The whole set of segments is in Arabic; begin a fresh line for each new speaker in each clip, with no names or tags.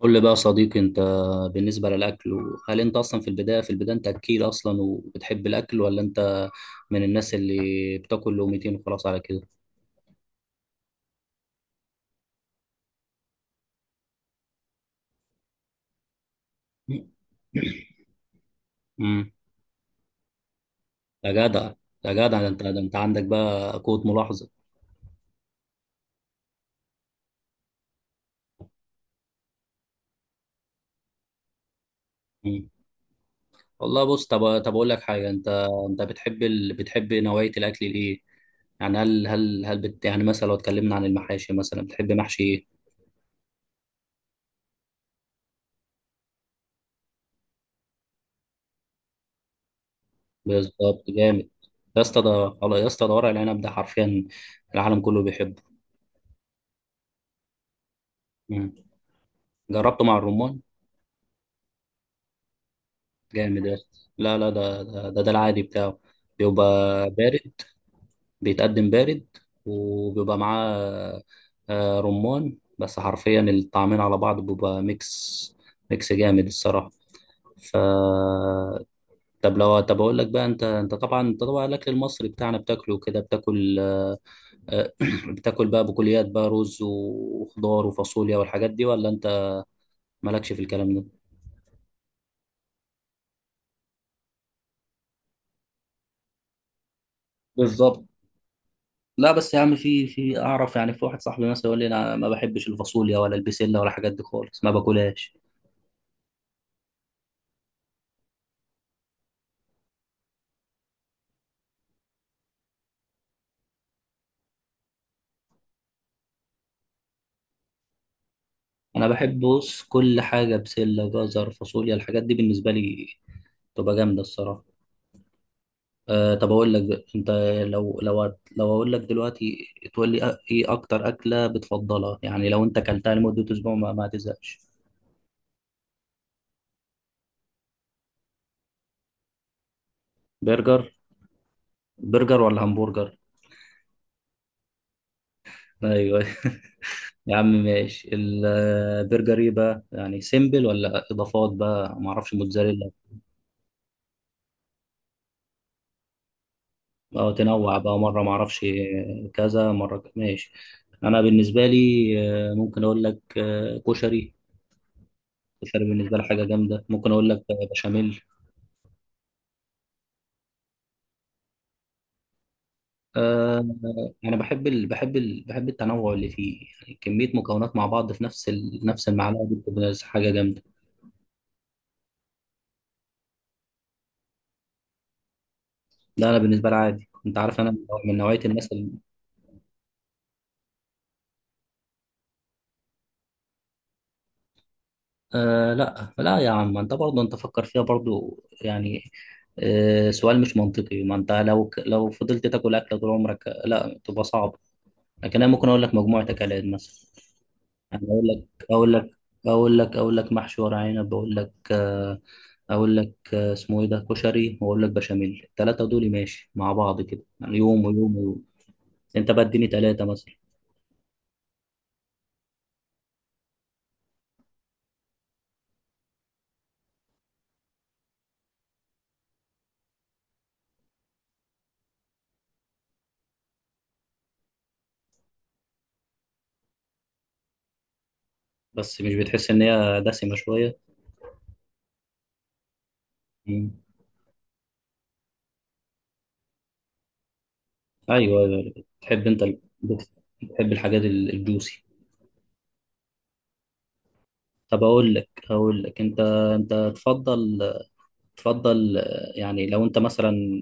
قول لي بقى يا صديقي، انت بالنسبة للأكل، هل انت اصلا في البداية انت اكيل اصلا وبتحب الأكل، ولا انت من الناس اللي بتاكل لقمتين وخلاص على كده؟ امم يا جدع، يا جدع، ده انت عندك بقى قوة ملاحظة. امم والله بص، طب اقول لك حاجة. انت بتحب نوعية الأكل الايه؟ يعني يعني مثلا لو اتكلمنا عن المحاشي، مثلا بتحب محشي ايه؟ بالظبط، جامد. يا اسطى ده، يا اسطى ده ورق العنب ده حرفيا العالم كله بيحبه. مم. جربته مع الرمان؟ جامد يا اسطى. لا لا، ده العادي بتاعه بيبقى بارد، بيتقدم بارد، وبيبقى معاه رمان، بس حرفيا الطعمين على بعض بيبقى ميكس، ميكس جامد الصراحة. ف طب لو، اقول لك بقى، انت طبعا الاكل المصري بتاعنا بتاكله كده. بتاكل آه، بتاكل بقى بكليات بقى، رز وخضار وفاصوليا والحاجات دي، ولا انت مالكش في الكلام ده؟ بالظبط. لا بس يا عم، في اعرف يعني، في واحد صاحبي مثلا يقول لي انا ما بحبش الفاصوليا ولا البسله ولا الحاجات دي خالص، ما باكلهاش. انا بحب بص، كل حاجه، بسله، جزر، فاصوليا، الحاجات دي بالنسبه لي تبقى جامده الصراحه. أه، طب اقول لك بقى، انت لو لو لو اقول لك دلوقتي تقول لي ايه اكتر اكله بتفضلها، يعني لو انت اكلتها لمده اسبوع ما تزهقش؟ برجر. برجر ولا همبرجر؟ ايوه. يا عم ماشي، البرجر ايه بقى يعني، سيمبل ولا اضافات بقى، ما اعرفش، موتزاريلا؟ اه تنوع بقى، مرة معرفش ماشي. أنا بالنسبة لي ممكن أقول لك كشري. كشري بالنسبة لي حاجة جامدة، ممكن أقول لك بشاميل. آه، أنا بحب التنوع اللي فيه، يعني كمية مكونات مع بعض في نفس المعلقة دي بتبقى حاجة جامدة. ده أنا بالنسبة لي عادي، أنت عارف أنا من نوعية الناس. آه لا لا يا عم، انت برضه انت فكر فيها برضه يعني. آه، سؤال مش منطقي، ما انت لو لو فضلت تاكل اكل طول عمرك، لا تبقى صعب. لكن انا ممكن اقول لك مجموعه اكلات مثلا، يعني اقول لك محشي ورق عنب، اقول لك اسمه ايه ده، كشري، واقول لك بشاميل. الثلاثه دول ماشي مع بعض كده، يعني يوم ويوم ويوم. انت بقى اديني ثلاثه مثلا. بس مش بتحس ان هي دسمه شويه؟ ايوه ايوه، تحب بتحب الحاجات الجوسي. طب اقول لك انت، انت تفضل تفضل آه، يعني لو انت مثلا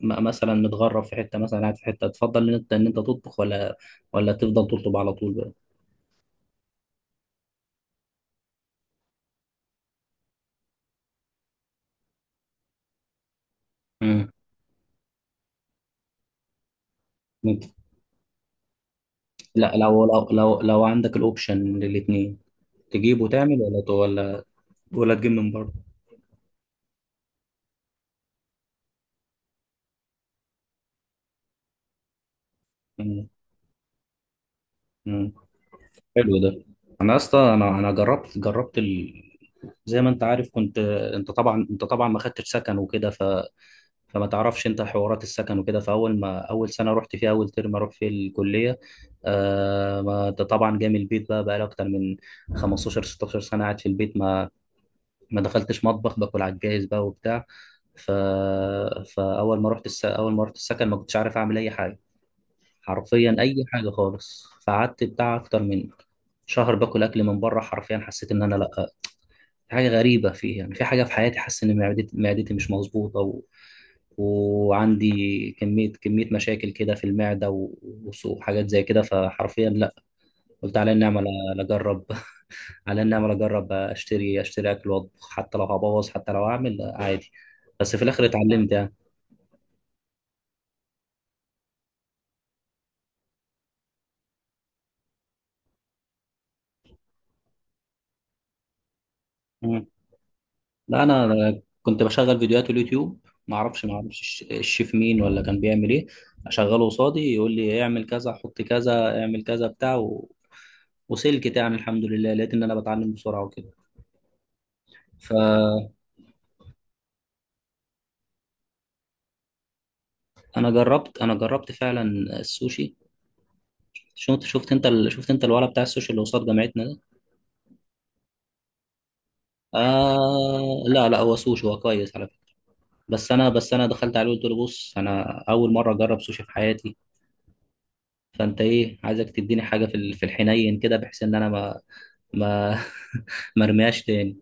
مثلا متغرب في حته، مثلا قاعد في حته، تفضل ان انت ان انت تطبخ، ولا تفضل تطلب على طول بقى؟ امم لا، لو عندك الاوبشن للاثنين، تجيب وتعمل، ولا ولا تجيب من بره؟ مم. مم. حلو ده. انا اصلا انا زي ما انت عارف كنت، انت طبعا ما خدتش سكن وكده، فما تعرفش انت حوارات السكن وكده، فاول ما اول سنه رحت فيها اول ترم اروح في الكليه، آه، ما انت طبعا جاي من البيت، بقى لي اكتر من 15 16 سنه قاعد في البيت، ما دخلتش مطبخ، باكل على الجاهز بقى وبتاع. ف... فاول ما اول ما رحت السكن ما كنتش عارف اعمل اي حاجه، حرفيا اي حاجه خالص. فقعدت بتاع اكتر من شهر باكل اكل من بره، حرفيا حسيت ان انا لا، في حاجه غريبه في يعني، في حاجه في حياتي حاسس ان معدتي مش مظبوطه، وعندي كميه مشاكل كده في المعده، وحاجات زي كده. فحرفيا لا، قلت على النعمه لا، لا اجرب. على النعمه لا، اجرب اشتري اكل واطبخ، حتى لو هبوظ، حتى لو اعمل عادي. بس في الاخر اتعلمت يعني. لا انا، كنت بشغل فيديوهات اليوتيوب، ما اعرفش الشيف مين ولا كان بيعمل ايه. اشغله قصادي، يقول لي اعمل كذا، حط كذا، اعمل كذا، بتاع، وسلكت يعني، الحمد لله لقيت ان انا بتعلم بسرعه وكده. فانا جربت، انا جربت فعلا السوشي. شفت انت الولد بتاع السوشي اللي قصاد جامعتنا ده؟ آه... لا لا، هو سوشي، هو كويس على فكره. بس انا، بس انا دخلت عليه وقلت له بص، انا اول مره اجرب سوشي في حياتي، فانت ايه، عايزك تديني حاجه في في الحنين كده، بحيث ان انا ما، ما ما ارميهاش تاني،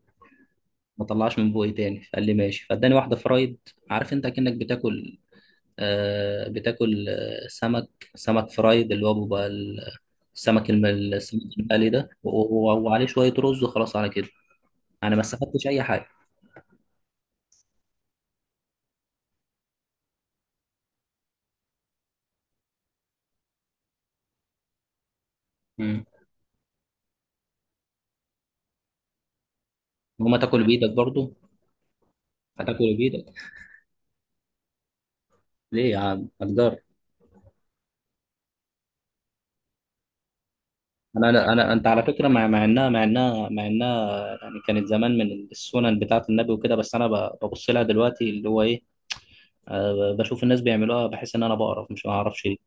ما اطلعش من بوقي تاني. فقال لي ماشي، فاداني واحده فرايد، عارف انت كأنك بتاكل آه، بتاكل آه، سمك، سمك فرايد، اللي هو بيبقى السمك الم- السمك المقلي ده، وعليه شويه رز وخلاص على كده. انا ما استفدتش اي حاجه. مم. وما تاكل بايدك برضو؟ هتاكل بايدك؟ ليه يا عم، هتجرب. انا انا انت على فكره، مع انها مع انها يعني كانت زمان من السنن بتاعه النبي وكده، بس انا ببص لها دلوقتي اللي هو ايه، بشوف الناس بيعملوها بحس ان انا بقرف، مش ما اعرفش ليه.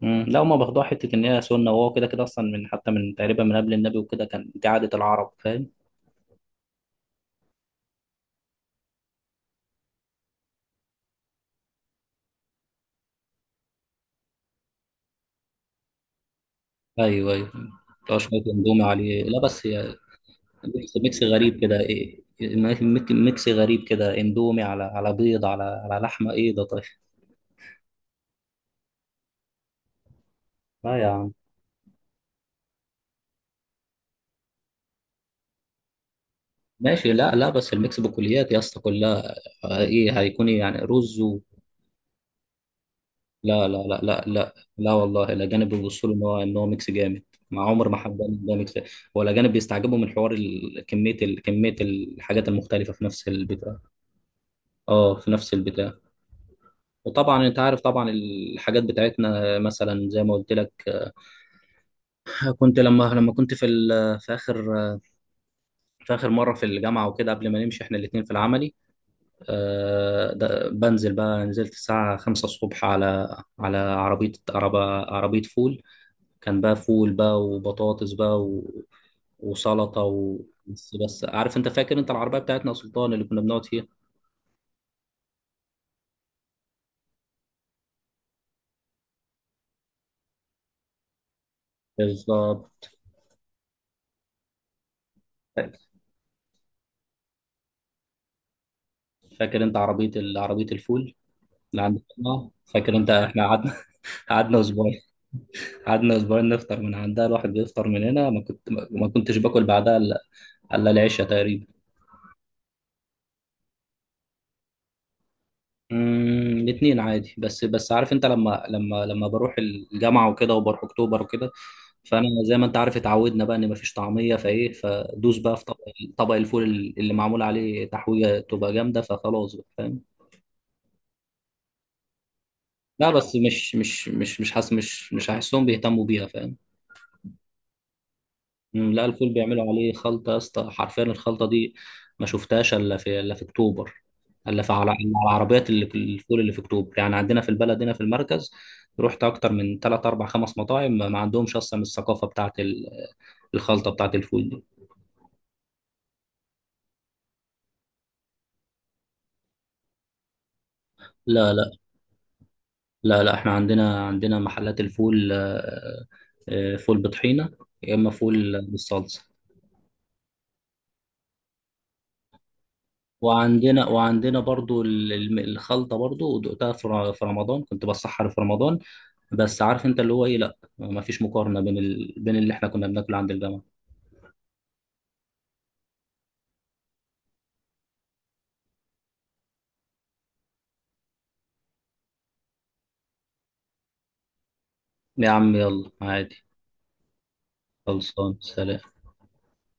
مم. لا هما باخدوها حته ان هي سنه، وهو كده كده اصلا من حتى من تقريبا من قبل النبي وكده كان، دي عاده العرب فاهم. ايوه ايوه. طب شويه اندومي عليه. لا بس هي ميكس، ميكس غريب كده، ايه ميكس غريب كده، اندومي على على بيض على على لحمه، ايه ده طيب. لا يا عم ماشي. لا لا بس الميكس بكليات يا اسطى كلها، ايه هيكون إيه يعني، رز لا لا لا لا لا لا، والله الاجانب بيبصوا له ان هو، ان هو ميكس جامد، مع عمر ما حد قال إن ده ميكس، ولا الاجانب بيستعجبوا من حوار كميه الحاجات المختلفه في نفس البتاع. اه، في نفس البتاع. وطبعا انت عارف طبعا الحاجات بتاعتنا مثلا زي ما قلت لك، كنت لما كنت في اخر في اخر مره في الجامعه وكده قبل ما نمشي احنا الاثنين في العملي، بنزل بقى، نزلت الساعة 5 الصبح على على عربية عربية فول، كان بقى فول بقى وبطاطس بقى وسلطة بس بس عارف انت، فاكر انت العربية بتاعتنا يا سلطان اللي كنا بنقعد فيها؟ بالظبط. فاكر انت عربية الفول اللي عند القناة؟ فاكر انت احنا قعدنا قعدنا اسبوعين، قعدنا اسبوعين نفطر من عندها، الواحد بيفطر من هنا ما كنت ما ما كنتش باكل بعدها الا، إلا العشاء تقريبا. الاثنين عادي، بس بس عارف انت، لما لما بروح الجامعه وكده، وبروح اكتوبر وكده، فانا زي ما انت عارف اتعودنا بقى ان مفيش طعميه، فايه فدوس بقى في طبق، طبق الفول اللي معمول عليه تحويجه تبقى جامده، فخلاص بقى فاهم. لا بس مش حاسس، مش هحسهم بيهتموا بيها فاهم. مم، لا الفول بيعملوا عليه خلطة يا اسطى، حرفيا الخلطة دي ما شفتهاش الا، في الا في اكتوبر، الا في على إلا على العربيات اللي في الفول اللي في اكتوبر، يعني عندنا في البلد هنا في المركز رحت اكتر من 3 4 5 مطاعم، ما عندهمش اصلا الثقافة بتاعت الخلطة بتاعت الفول دي. لا لا. لا لا احنا عندنا، عندنا محلات الفول، فول بطحينة، يا اما فول بالصلصة. وعندنا برضو الخلطة برضو دقتها في في رمضان، كنت بسحر في رمضان، بس عارف انت اللي هو ايه، لا ما فيش مقارنة بين بين اللي احنا كنا بناكله عند الجامعة. يا عم يلا عادي. خلصان سلام.